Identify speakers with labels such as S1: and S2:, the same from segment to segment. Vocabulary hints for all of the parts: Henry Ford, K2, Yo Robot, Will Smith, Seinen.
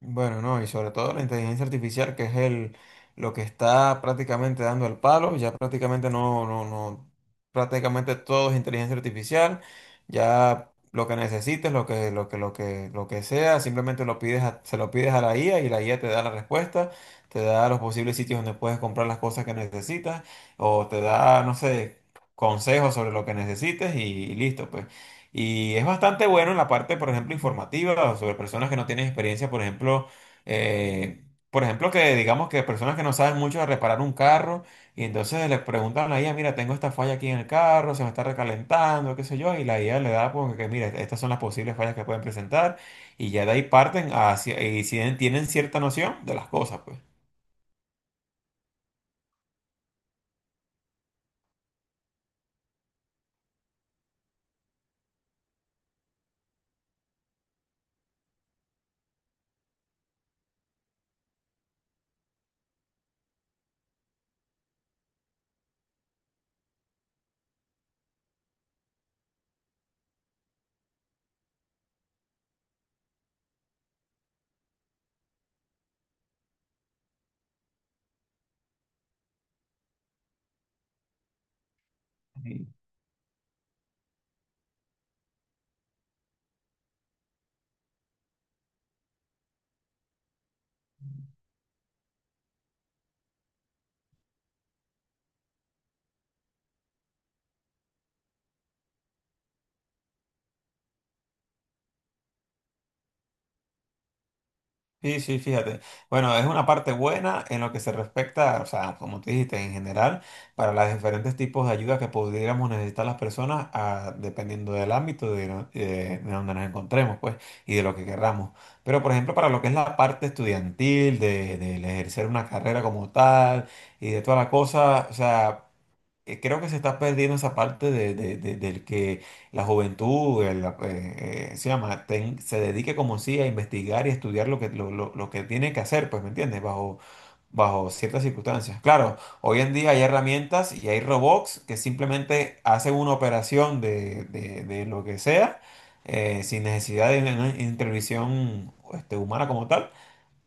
S1: Bueno, no, y sobre todo la inteligencia artificial, lo que está prácticamente dando el palo. Ya prácticamente no, prácticamente todo es inteligencia artificial. Ya lo que necesites, lo que sea, simplemente se lo pides a la IA y la IA te da la respuesta, te da los posibles sitios donde puedes comprar las cosas que necesitas, o te da, no sé, consejos sobre lo que necesites y, listo, pues. Y es bastante bueno en la parte, por ejemplo, informativa sobre personas que no tienen experiencia, eh, por ejemplo, que digamos que personas que no saben mucho de reparar un carro y entonces les preguntan a la IA, mira, tengo esta falla aquí en el carro, se me está recalentando, qué sé yo, y la IA le da, pues, que mira, estas son las posibles fallas que pueden presentar y ya de ahí parten hacia, y si tienen cierta noción de las cosas, pues. Sí, sí, fíjate. Bueno, es una parte buena en lo que se respecta, o sea, como te dijiste, en general, para los diferentes tipos de ayuda que pudiéramos necesitar las personas, ah, dependiendo del ámbito de, no- de donde nos encontremos, pues, y de lo que querramos. Pero, por ejemplo, para lo que es la parte estudiantil, del ejercer una carrera como tal, y de toda la cosa, o sea creo que se está perdiendo esa parte del que la juventud la se dedique como sí a investigar y estudiar lo que tiene que hacer, pues, ¿me entiendes? Bajo ciertas circunstancias. Claro, hoy en día hay herramientas y hay robots que simplemente hacen una operación de lo que sea, sin necesidad de una intervención, este, humana como tal.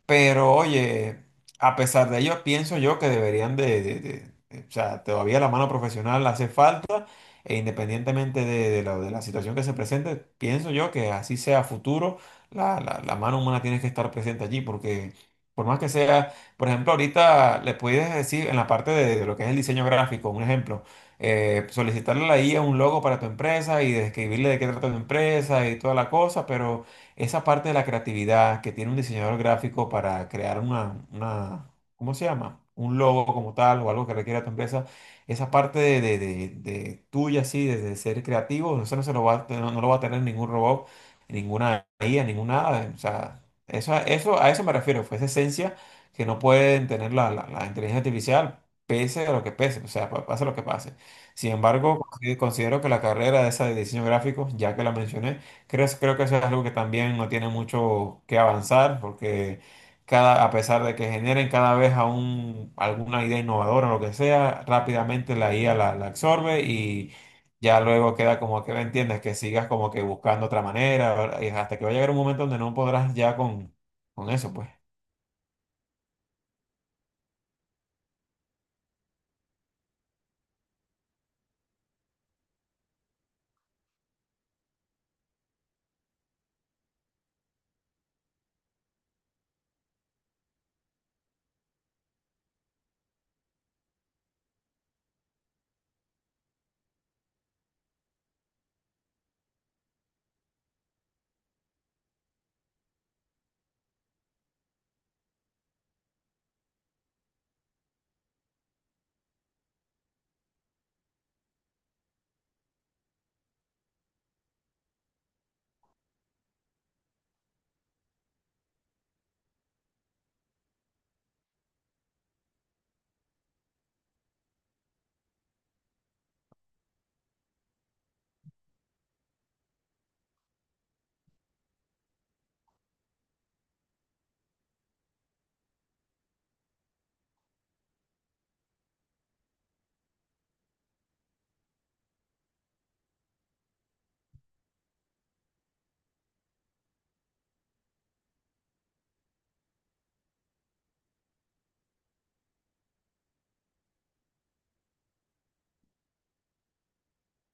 S1: Pero oye, a pesar de ello, pienso yo que deberían de- o sea, todavía la mano profesional hace falta e independientemente de la situación que se presente. Pienso yo que así sea a futuro, la mano humana tiene que estar presente allí, porque por más que sea, por ejemplo, ahorita le puedes decir en la parte de lo que es el diseño gráfico, un ejemplo, solicitarle a la IA un logo para tu empresa y describirle de qué trata tu empresa y toda la cosa, pero esa parte de la creatividad que tiene un diseñador gráfico para crear una, ¿cómo se llama?, un logo como tal o algo que requiera tu empresa, esa parte de tuya, así, de ser creativo. Eso no se lo va a, no lo va a tener ningún robot, ninguna IA, ninguna nada. O sea, a eso me refiero, fue esa esencia que no pueden tener la inteligencia artificial, pese a lo que pese, o sea, pase lo que pase. Sin embargo, considero que la carrera de esa de diseño gráfico, ya que la mencioné, creo que eso es algo que también no tiene mucho que avanzar, porque cada, a pesar de que generen cada vez alguna idea innovadora o lo que sea, rápidamente la IA la absorbe y ya luego queda como que, ¿me entiendes?, que sigas como que buscando otra manera, ¿verdad?, y hasta que va a llegar un momento donde no podrás ya con eso, pues.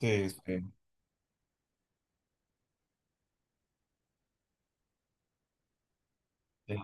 S1: Sí. Sí.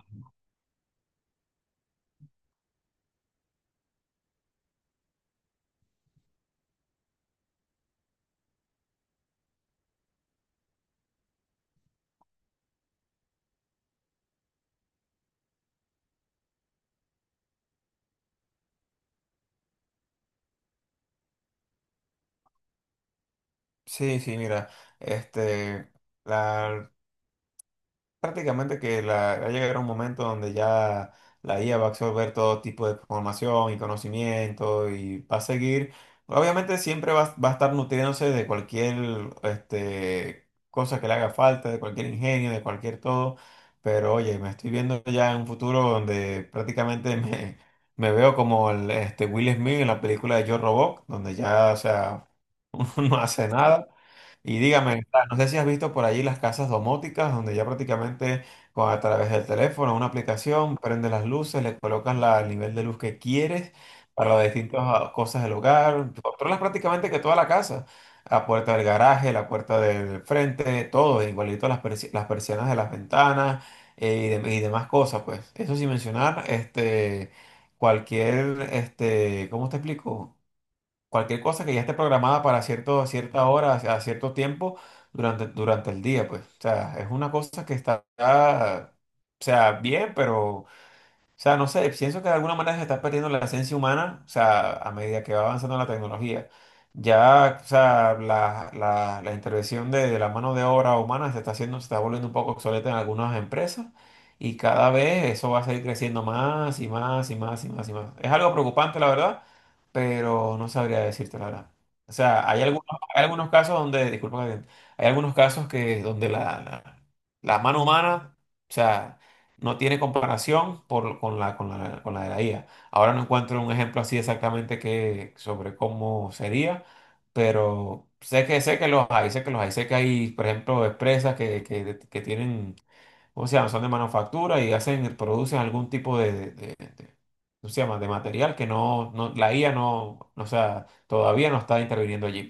S1: Sí, Mira, este, la, prácticamente va a llegar un momento donde ya la IA va a absorber todo tipo de información y conocimiento y va a seguir, obviamente siempre va a estar nutriéndose de cualquier, este, cosa que le haga falta, de cualquier ingenio, de cualquier todo. Pero oye, me estoy viendo ya en un futuro donde prácticamente me veo como el, este, Will Smith en la película de Yo Robot, donde ya, o sea, uno no hace nada. Y dígame, no sé si has visto por allí las casas domóticas, donde ya prácticamente a través del teléfono, una aplicación, prende las luces, le colocas el nivel de luz que quieres para las distintas, ah, cosas del hogar, controlas prácticamente que toda la casa, la puerta del garaje, la puerta del frente, todo, igualito las persianas de las ventanas y demás cosas, pues. Eso sin mencionar, este, cualquier, este, ¿cómo te explico?, cualquier cosa que ya esté programada para cierto, a cierta hora, a cierto tiempo durante el día, pues. O sea, es una cosa que está, o sea, bien, pero o sea, no sé, pienso que de alguna manera se está perdiendo la esencia humana, o sea, a medida que va avanzando la tecnología. Ya, o sea, la intervención de la mano de obra humana se está haciendo, se está volviendo un poco obsoleta en algunas empresas y cada vez eso va a seguir creciendo más y más y más y más y más. Es algo preocupante, la verdad, pero no sabría decirte la verdad. O sea, hay algunos casos donde, disculpa, Gabriel, hay algunos casos que donde la mano humana, o sea, no tiene comparación con con la de la IA. Ahora no encuentro un ejemplo así exactamente que, sobre cómo sería, pero sé que los hay, sé que los hay. Sé que hay, por ejemplo, empresas que tienen, ¿cómo se llama?, son de manufactura y hacen, producen algún tipo ¿cómo se llama?, de material que no, la IA no, o sea, todavía no está interviniendo allí.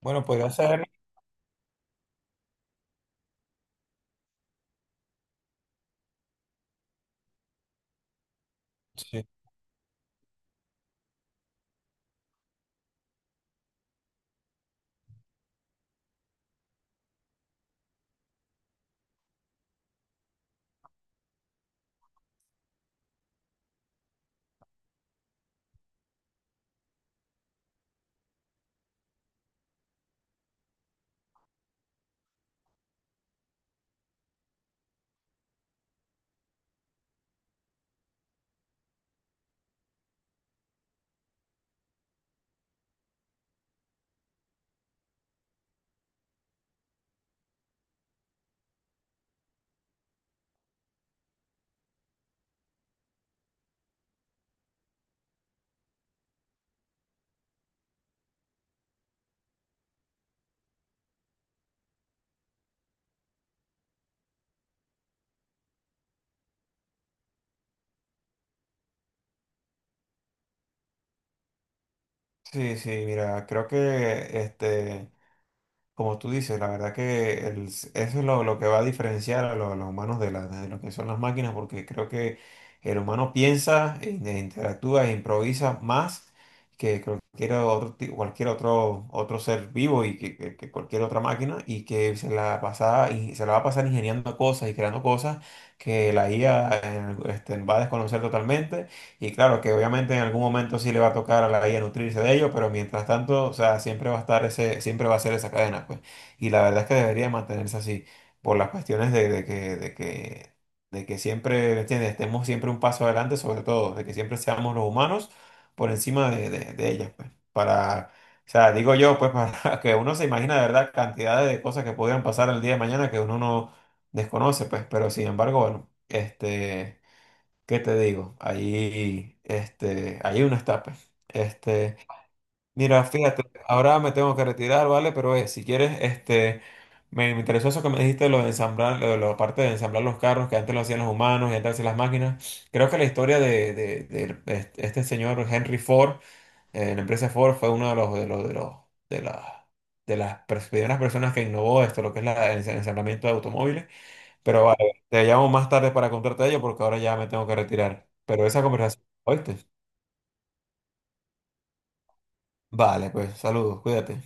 S1: Bueno, podría ser. Sí. Sí, sí, mira, creo que este... Como tú dices, la verdad que eso es lo que va a diferenciar a, a los humanos de, de lo que son las máquinas, porque creo que el humano piensa, e interactúa e improvisa más que cualquier otro, cualquier otro, otro ser vivo y que cualquier otra máquina, y que se la pasa, y se la va a pasar ingeniando cosas y creando cosas que la IA, este, va a desconocer totalmente. Y claro, que obviamente en algún momento sí le va a tocar a la IA nutrirse de ello, pero mientras tanto, o sea, siempre va a estar ese, siempre va a ser esa cadena, pues. Y la verdad es que debería mantenerse así, por las cuestiones de que siempre, ¿me entiendes?, estemos siempre un paso adelante, sobre todo, de que siempre seamos los humanos por encima de ellas, pues. Para, o sea, digo yo, pues, para que uno se imagina de verdad cantidades de cosas que podrían pasar el día de mañana que uno no desconoce, pues. Pero sin embargo, bueno, este. ¿Qué te digo? Ahí, este, hay unos tapes. Este, mira, fíjate, ahora me tengo que retirar, ¿vale? Pero, si quieres, este, me interesó eso que me dijiste, lo de ensamblar, lo de la parte de ensamblar los carros, que antes lo hacían los humanos y antes lo hacían las máquinas. Creo que la historia de este este señor Henry Ford, la empresa Ford, fue uno de los, de las, de las primeras personas que innovó esto, lo que es el ensamblamiento de automóviles. Pero vale, te llamo más tarde para contarte ello porque ahora ya me tengo que retirar. Pero esa conversación, ¿oíste? Vale, pues saludos, cuídate.